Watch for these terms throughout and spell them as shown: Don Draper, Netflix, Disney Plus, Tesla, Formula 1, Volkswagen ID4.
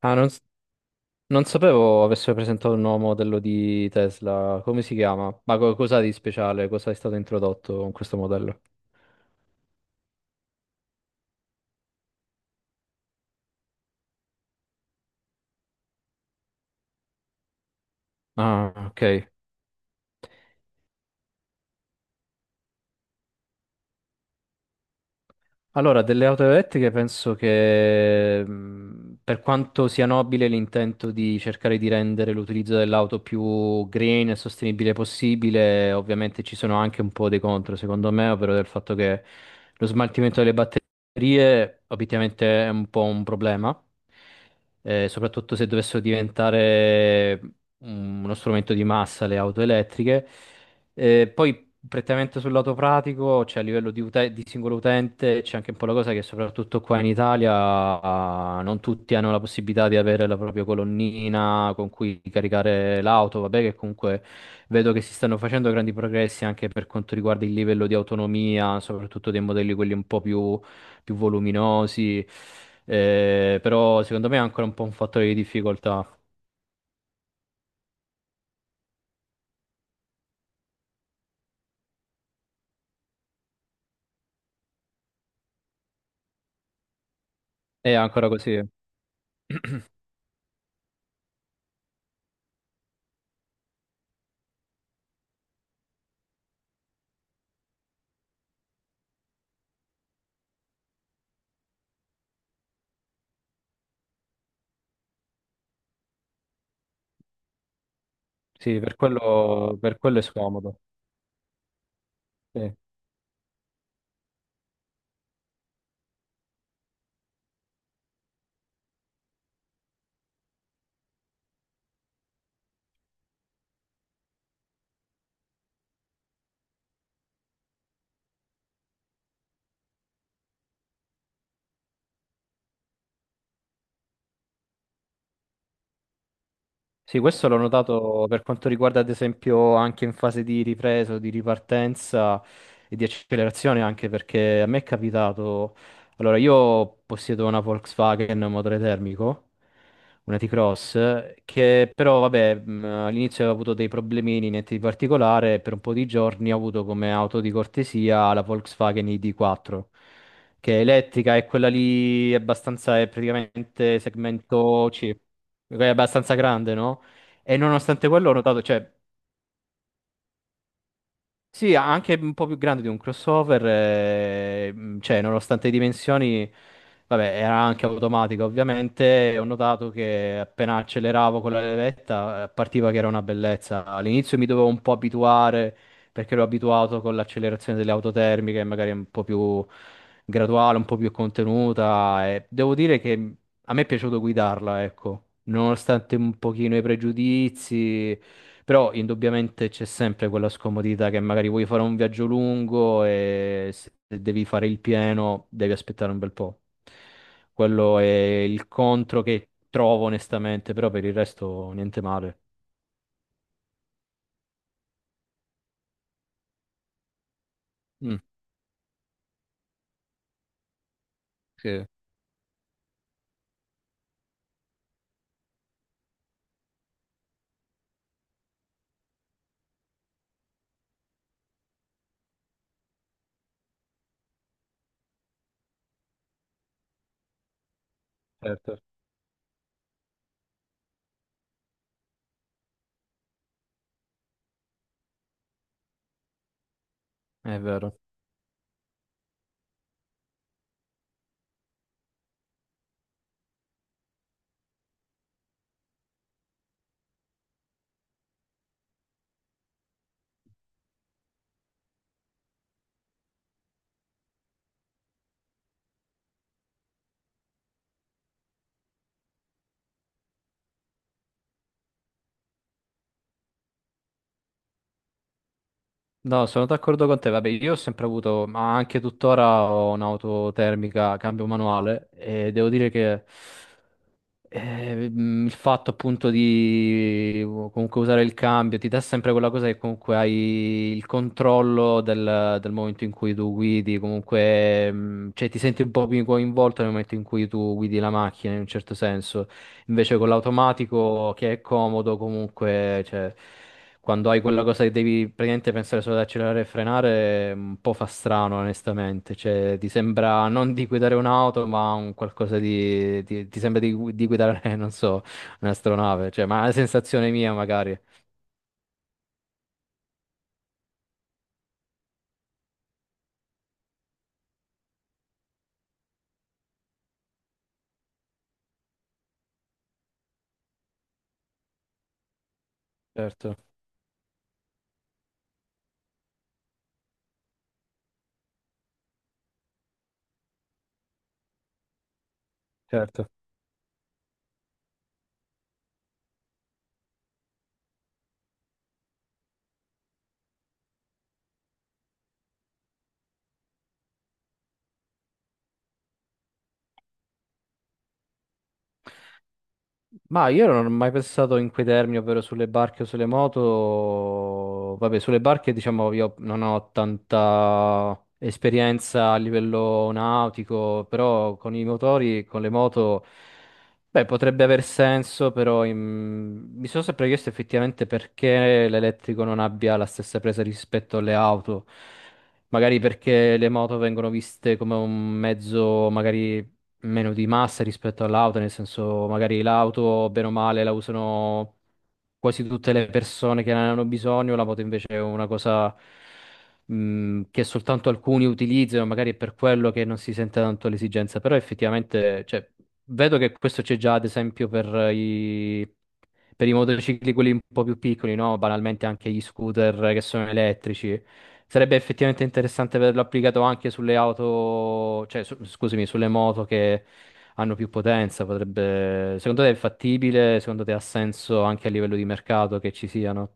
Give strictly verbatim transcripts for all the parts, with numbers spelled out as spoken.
Ah, non, s- Non sapevo avesse presentato il nuovo modello di Tesla. Come si chiama? Ma co- cosa di speciale? Cosa è stato introdotto con questo modello? Ah, ok. Allora, delle auto elettriche penso che mh, per quanto sia nobile l'intento di cercare di rendere l'utilizzo dell'auto più green e sostenibile possibile, ovviamente ci sono anche un po' dei contro, secondo me, ovvero del fatto che lo smaltimento delle batterie obiettivamente è un po' un problema, eh, soprattutto se dovessero diventare mm, uno strumento di massa le auto elettriche. Eh, poi prettamente sul lato pratico, cioè a livello di, ute- di singolo utente, c'è anche un po' la cosa che soprattutto qua in Italia ah, non tutti hanno la possibilità di avere la propria colonnina con cui caricare l'auto, vabbè che comunque vedo che si stanno facendo grandi progressi anche per quanto riguarda il livello di autonomia, soprattutto dei modelli quelli un po' più, più voluminosi, eh, però secondo me è ancora un po' un fattore di difficoltà. È ancora così, sì, per quello, per quello è scomodo. Sì. Sì, questo l'ho notato per quanto riguarda, ad esempio, anche in fase di ripresa, di ripartenza e di accelerazione, anche perché a me è capitato. Allora, io possiedo una Volkswagen motore termico, una T-Cross, che però, vabbè, mh, all'inizio avevo avuto dei problemini, niente di particolare, e per un po' di giorni ho avuto come auto di cortesia la Volkswagen I D quattro. Che è elettrica e quella lì è abbastanza, è praticamente segmento C, è abbastanza grande, no? E nonostante quello ho notato, cioè, sì, anche un po' più grande di un crossover, eh, mh, cioè nonostante le dimensioni, vabbè, era anche automatica ovviamente, e ho notato che appena acceleravo con la levetta eh, partiva che era una bellezza. All'inizio mi dovevo un po' abituare perché ero abituato con l'accelerazione delle auto termiche, magari un po' più graduale, un po' più contenuta, e devo dire che mm, a me è piaciuto guidarla, ecco, nonostante un pochino i pregiudizi. Però indubbiamente c'è sempre quella scomodità che magari vuoi fare un viaggio lungo e se devi fare il pieno devi aspettare un bel po'. Quello è il contro che trovo onestamente, però per il resto niente male. Mm, sì, certo. È vero. No, sono d'accordo con te. Vabbè, io ho sempre avuto, ma anche tuttora ho un'auto termica, cambio manuale e devo dire che Eh, mm, il fatto appunto di uh, comunque usare il cambio ti dà sempre quella cosa che comunque hai il controllo del, del momento in cui tu guidi, comunque mm, cioè, ti senti un po' più coinvolto nel momento in cui tu guidi la macchina in un certo senso. Invece con l'automatico che è comodo comunque, cioè, quando hai quella cosa che devi praticamente pensare solo ad accelerare e frenare, è un po' fa strano onestamente, cioè ti sembra non di guidare un'auto ma un qualcosa di, di- ti sembra di, gu- di guidare, non so, un'astronave, cioè, ma è una sensazione mia magari. Certo, certo. Ma io non ho mai pensato in quei termini, ovvero sulle barche o sulle moto. Vabbè, sulle barche, diciamo, io non ho tanta esperienza a livello nautico, però con i motori, con le moto, beh, potrebbe aver senso, però in- mi sono sempre chiesto effettivamente perché l'elettrico non abbia la stessa presa rispetto alle auto. Magari perché le moto vengono viste come un mezzo, magari meno di massa rispetto all'auto, nel senso magari l'auto, bene o male, la usano quasi tutte le persone che ne hanno bisogno, la moto invece è una cosa mh, che soltanto alcuni utilizzano, magari è per quello che non si sente tanto l'esigenza, però effettivamente, cioè, vedo che questo c'è già, ad esempio, per i, per i motocicli, quelli un po' più piccoli, no? Banalmente anche gli scooter che sono elettrici. Sarebbe effettivamente interessante vederlo applicato anche sulle auto, cioè, su- scusami, sulle moto che hanno più potenza. Potrebbe... Secondo te è fattibile? Secondo te ha senso anche a livello di mercato che ci siano?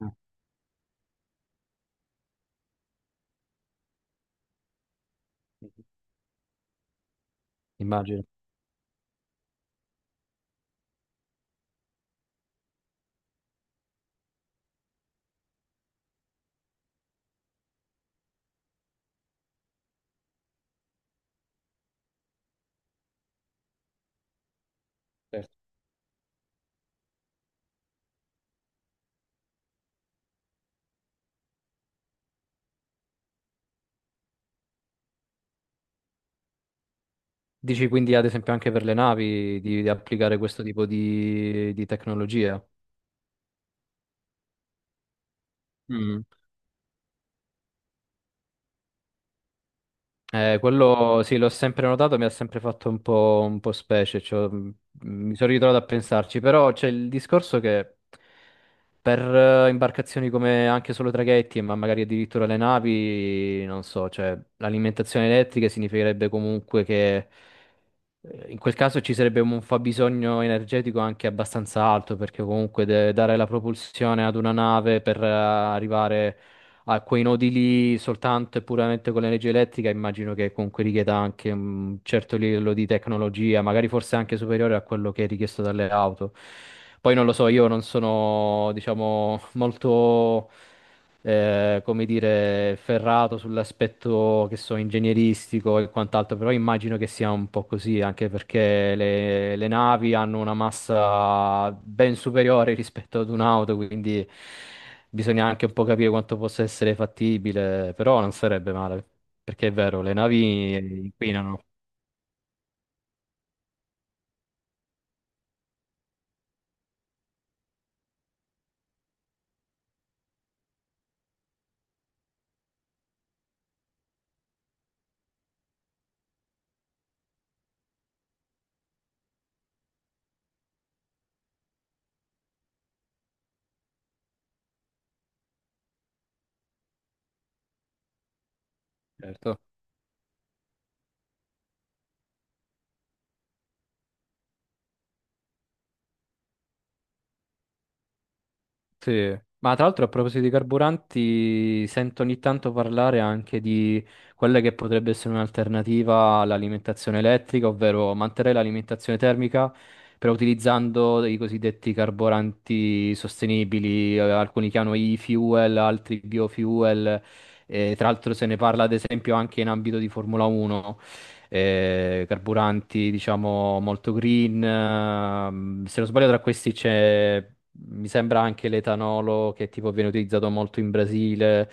Mm. Immagino. Dici quindi ad esempio anche per le navi di, di applicare questo tipo di, di tecnologia? Mm. Eh, quello sì, l'ho sempre notato, mi ha sempre fatto un po', un po' specie, cioè, mh, mi sono ritrovato a pensarci, però c'è il discorso che per eh, imbarcazioni come anche solo traghetti, ma magari addirittura le navi, non so, cioè l'alimentazione elettrica significherebbe comunque che Eh, in quel caso ci sarebbe un fabbisogno energetico anche abbastanza alto, perché comunque de- dare la propulsione ad una nave per eh, arrivare a quei nodi lì soltanto e puramente con l'energia elettrica, immagino che comunque richieda anche un certo livello di tecnologia, magari forse anche superiore a quello che è richiesto dalle auto. Poi non lo so, io non sono, diciamo, molto eh, come dire, ferrato sull'aspetto che so, ingegneristico e quant'altro, però immagino che sia un po' così, anche perché le, le navi hanno una massa ben superiore rispetto ad un'auto, quindi bisogna anche un po' capire quanto possa essere fattibile, però non sarebbe male, perché è vero, le navi inquinano, certo. Sì, ma tra l'altro a proposito di carburanti, sento ogni tanto parlare anche di quella che potrebbe essere un'alternativa all'alimentazione elettrica, ovvero mantenere l'alimentazione termica, però utilizzando i cosiddetti carburanti sostenibili, eh, alcuni che hanno e-fuel, altri biofuel, e tra l'altro se ne parla ad esempio anche in ambito di Formula uno eh, carburanti, diciamo, molto green. Ehm, se non sbaglio, tra questi c'è, mi sembra anche l'etanolo che tipo viene utilizzato molto in Brasile.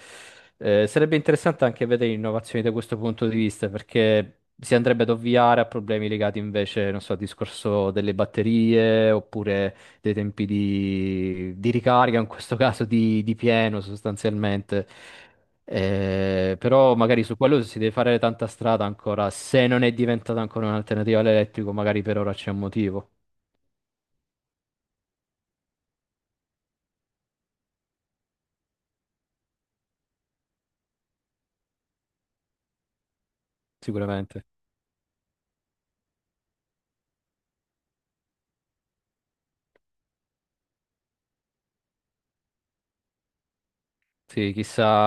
Eh, sarebbe interessante anche vedere innovazioni da questo punto di vista, perché si andrebbe ad ovviare a problemi legati invece, non so, al discorso delle batterie oppure dei tempi di, di ricarica, in questo caso di, di pieno sostanzialmente. Eh, però magari su quello si deve fare tanta strada ancora. Se non è diventata ancora un'alternativa all'elettrico, magari per ora c'è un motivo, sicuramente. Sì, chissà